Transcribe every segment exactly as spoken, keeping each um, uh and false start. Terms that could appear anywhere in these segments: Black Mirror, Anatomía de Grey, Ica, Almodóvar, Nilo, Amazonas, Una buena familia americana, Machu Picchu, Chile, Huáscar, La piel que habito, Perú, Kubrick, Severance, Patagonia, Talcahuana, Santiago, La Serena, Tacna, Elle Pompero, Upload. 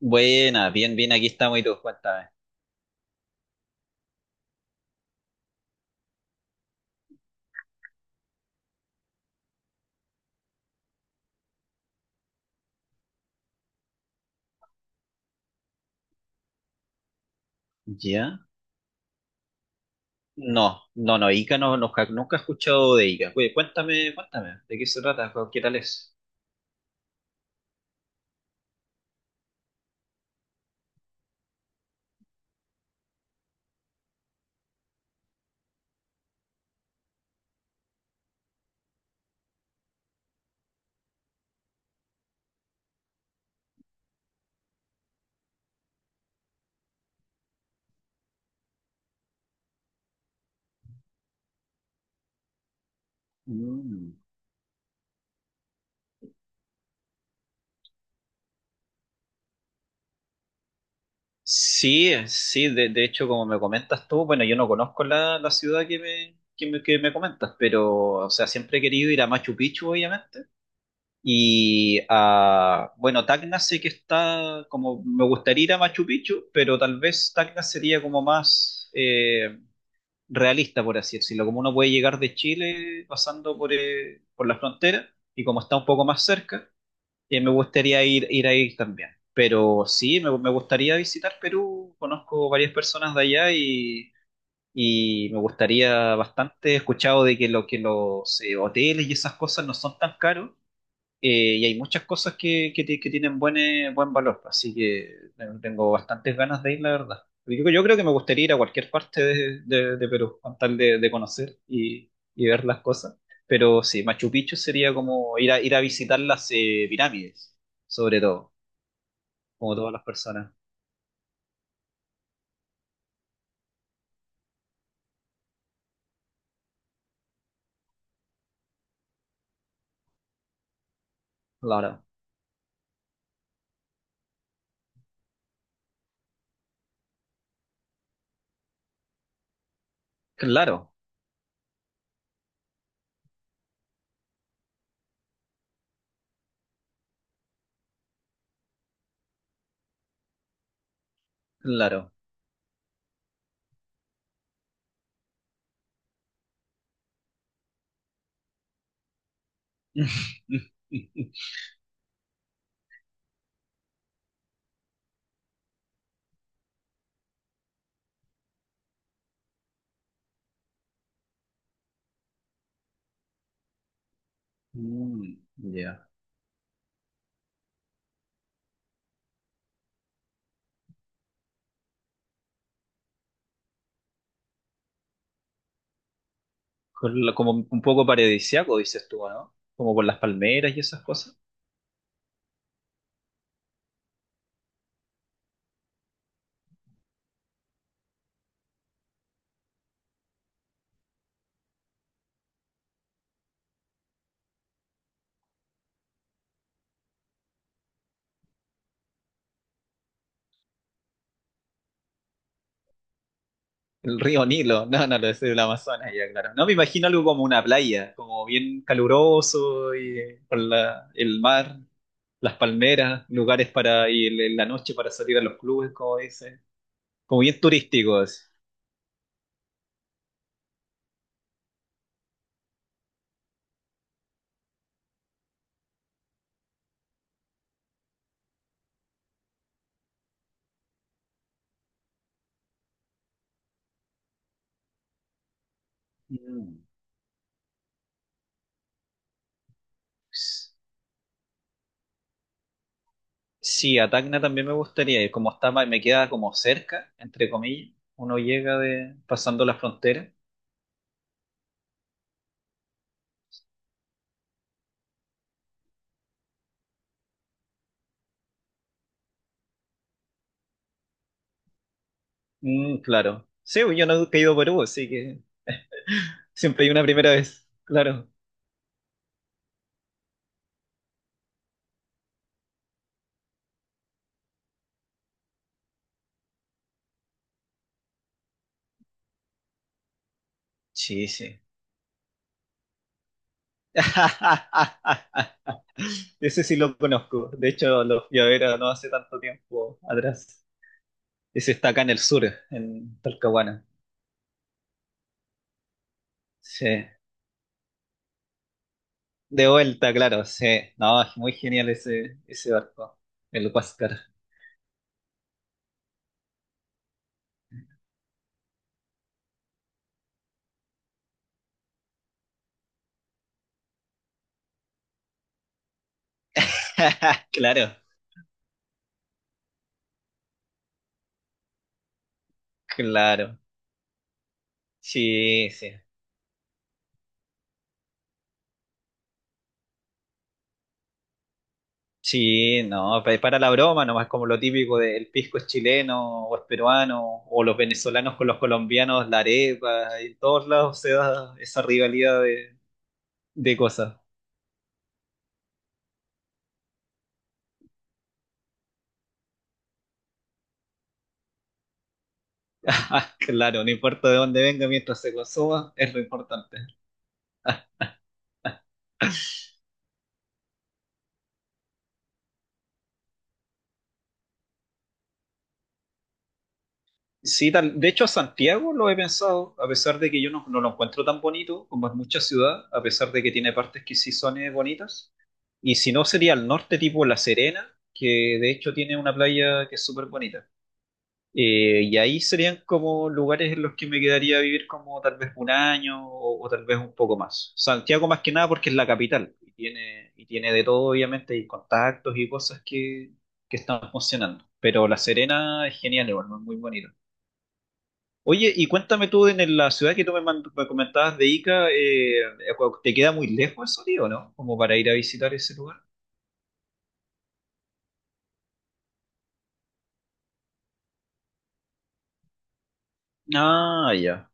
Buena, bien, bien, aquí estamos y tú, cuéntame. ¿Ya? No, no, no, Ica no, no, ja- nunca he escuchado de Ica. Oye, cuéntame, cuéntame, ¿de qué se trata? ¿Qué tal es? Mm. Sí, eh, sí, de, de hecho, como me comentas tú, bueno, yo no conozco la, la ciudad que me, que me, que me comentas, pero, o sea, siempre he querido ir a Machu Picchu, obviamente, y a, bueno, Tacna sé que está, como, me gustaría ir a Machu Picchu, pero tal vez Tacna sería como más... eh, realista, por así decirlo, como uno puede llegar de Chile pasando por, eh, por la frontera y como está un poco más cerca, eh, me gustaría ir, ir ahí también. Pero sí, me, me gustaría visitar Perú, conozco varias personas de allá y, y me gustaría bastante, he escuchado de que, lo, que los eh, hoteles y esas cosas no son tan caros, eh, y hay muchas cosas que, que, ti- que tienen buen, eh, buen valor, así que ten- tengo bastantes ganas de ir, la verdad. Yo, yo creo que me gustaría ir a cualquier parte de, de- de Perú, con tal de, de conocer y, y ver las cosas. Pero sí, Machu Picchu sería como ir a, ir a visitar las eh, pirámides, sobre todo, como todas las personas. Claro, claro, claro. Mm, ya. Con la- Como un poco paradisiaco, dices tú, ¿no? Como por las palmeras y esas cosas. El río Nilo, no, no, lo es el Amazonas, ya claro. No me imagino algo como una playa, como bien caluroso y eh, con la- el mar, las palmeras, lugares para ir en la noche para salir a los clubes, como dice, como bien turísticos. Mm. Sí, a Tacna también me gustaría ir, como está, ma- me queda como cerca, entre comillas, uno llega de pasando la frontera. Mm, claro. Sí, yo no he ido a Perú, así que siempre hay una primera vez, claro. Sí, sí. Ese sí lo conozco. De hecho, lo fui a ver no hace tanto tiempo atrás. Ese está acá en el sur, en Talcahuana. Sí. De vuelta, claro, sí. No, es muy genial ese, ese barco, el Huáscar. Claro, claro. Sí, sí. Sí, no, pa- para la broma, nomás como lo típico del pisco es chileno o es peruano, o los venezolanos con los colombianos, la arepa, en todos lados se da esa rivalidad de cosas. Claro, no importa de dónde venga mientras se consuma, es lo importante. Sí, tal. De hecho, Santiago lo he pensado, a pesar de que yo no, no lo encuentro tan bonito como es mucha ciudad, a pesar de que tiene partes que sí son eh, bonitas. Y si no, sería al norte, tipo La Serena, que de hecho tiene una playa que es súper bonita. Eh, y ahí serían como lugares en los que me quedaría a vivir como tal vez un año o, o tal vez un poco más. Santiago más que nada porque es la capital y tiene, y tiene de todo, obviamente, y contactos y cosas que, que están funcionando. Pero La Serena es genial, igual, ¿no? Es muy bonito. Oye, y cuéntame tú en la ciudad que tú me, mand- me comentabas de Ica, eh, ¿te queda muy lejos eso, tío, no? Como para ir a visitar ese lugar. Ah, ya.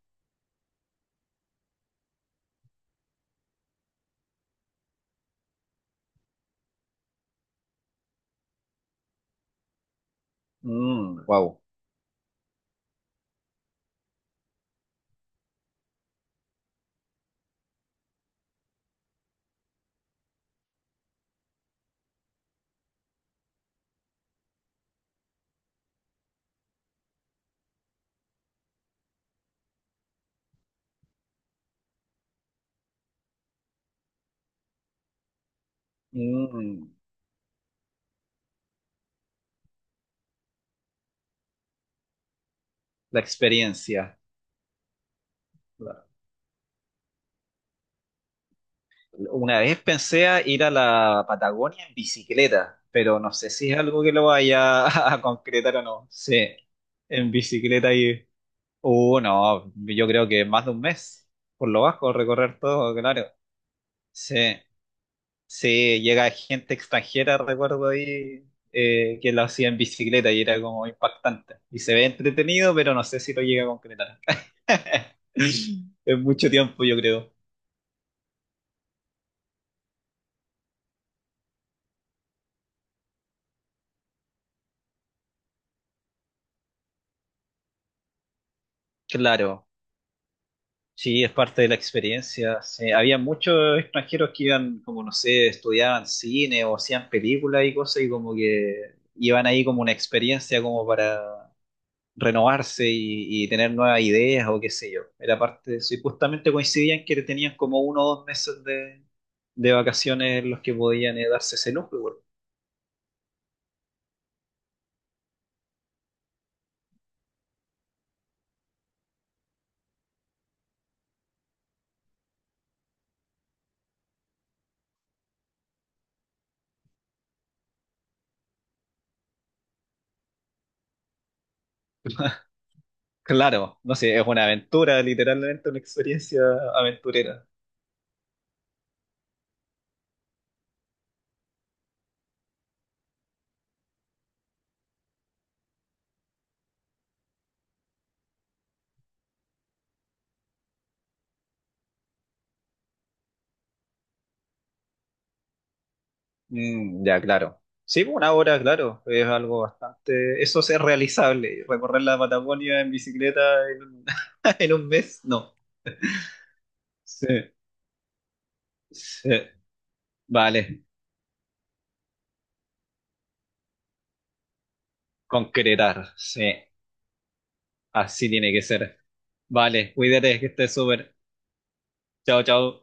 Wow. La experiencia. Una vez pensé a ir a la Patagonia en bicicleta, pero no sé si es algo que lo vaya a concretar o no. Sí, en bicicleta y... Uh, no, yo creo que más de un mes, por lo bajo, recorrer todo, claro. Sí, sí, llega gente extranjera, recuerdo ahí, eh, que lo hacía en bicicleta y era como impactante. Y se ve entretenido, pero no sé si lo llega a concretar. Es mucho tiempo, yo creo. Claro. Sí, es parte de la experiencia. Sí. Había muchos extranjeros que iban, como no sé, estudiaban cine o hacían películas y cosas y como que iban ahí como una experiencia como para renovarse y, y tener nuevas ideas o qué sé yo. Era parte de eso. Y justamente coincidían que tenían como uno o dos meses de, de vacaciones en los que podían eh, darse ese lujo. Igual. Claro, no sé, es una aventura, literalmente una experiencia aventurera. Mm, ya, claro. Sí, pues, una hora, claro, es algo bastante... Eso es realizable. Recorrer la Patagonia en bicicleta en un, en un mes, no. Sí, sí. Vale, concretar, sí. Así tiene que ser. Vale, cuídate, que estés súper. Chao, chao.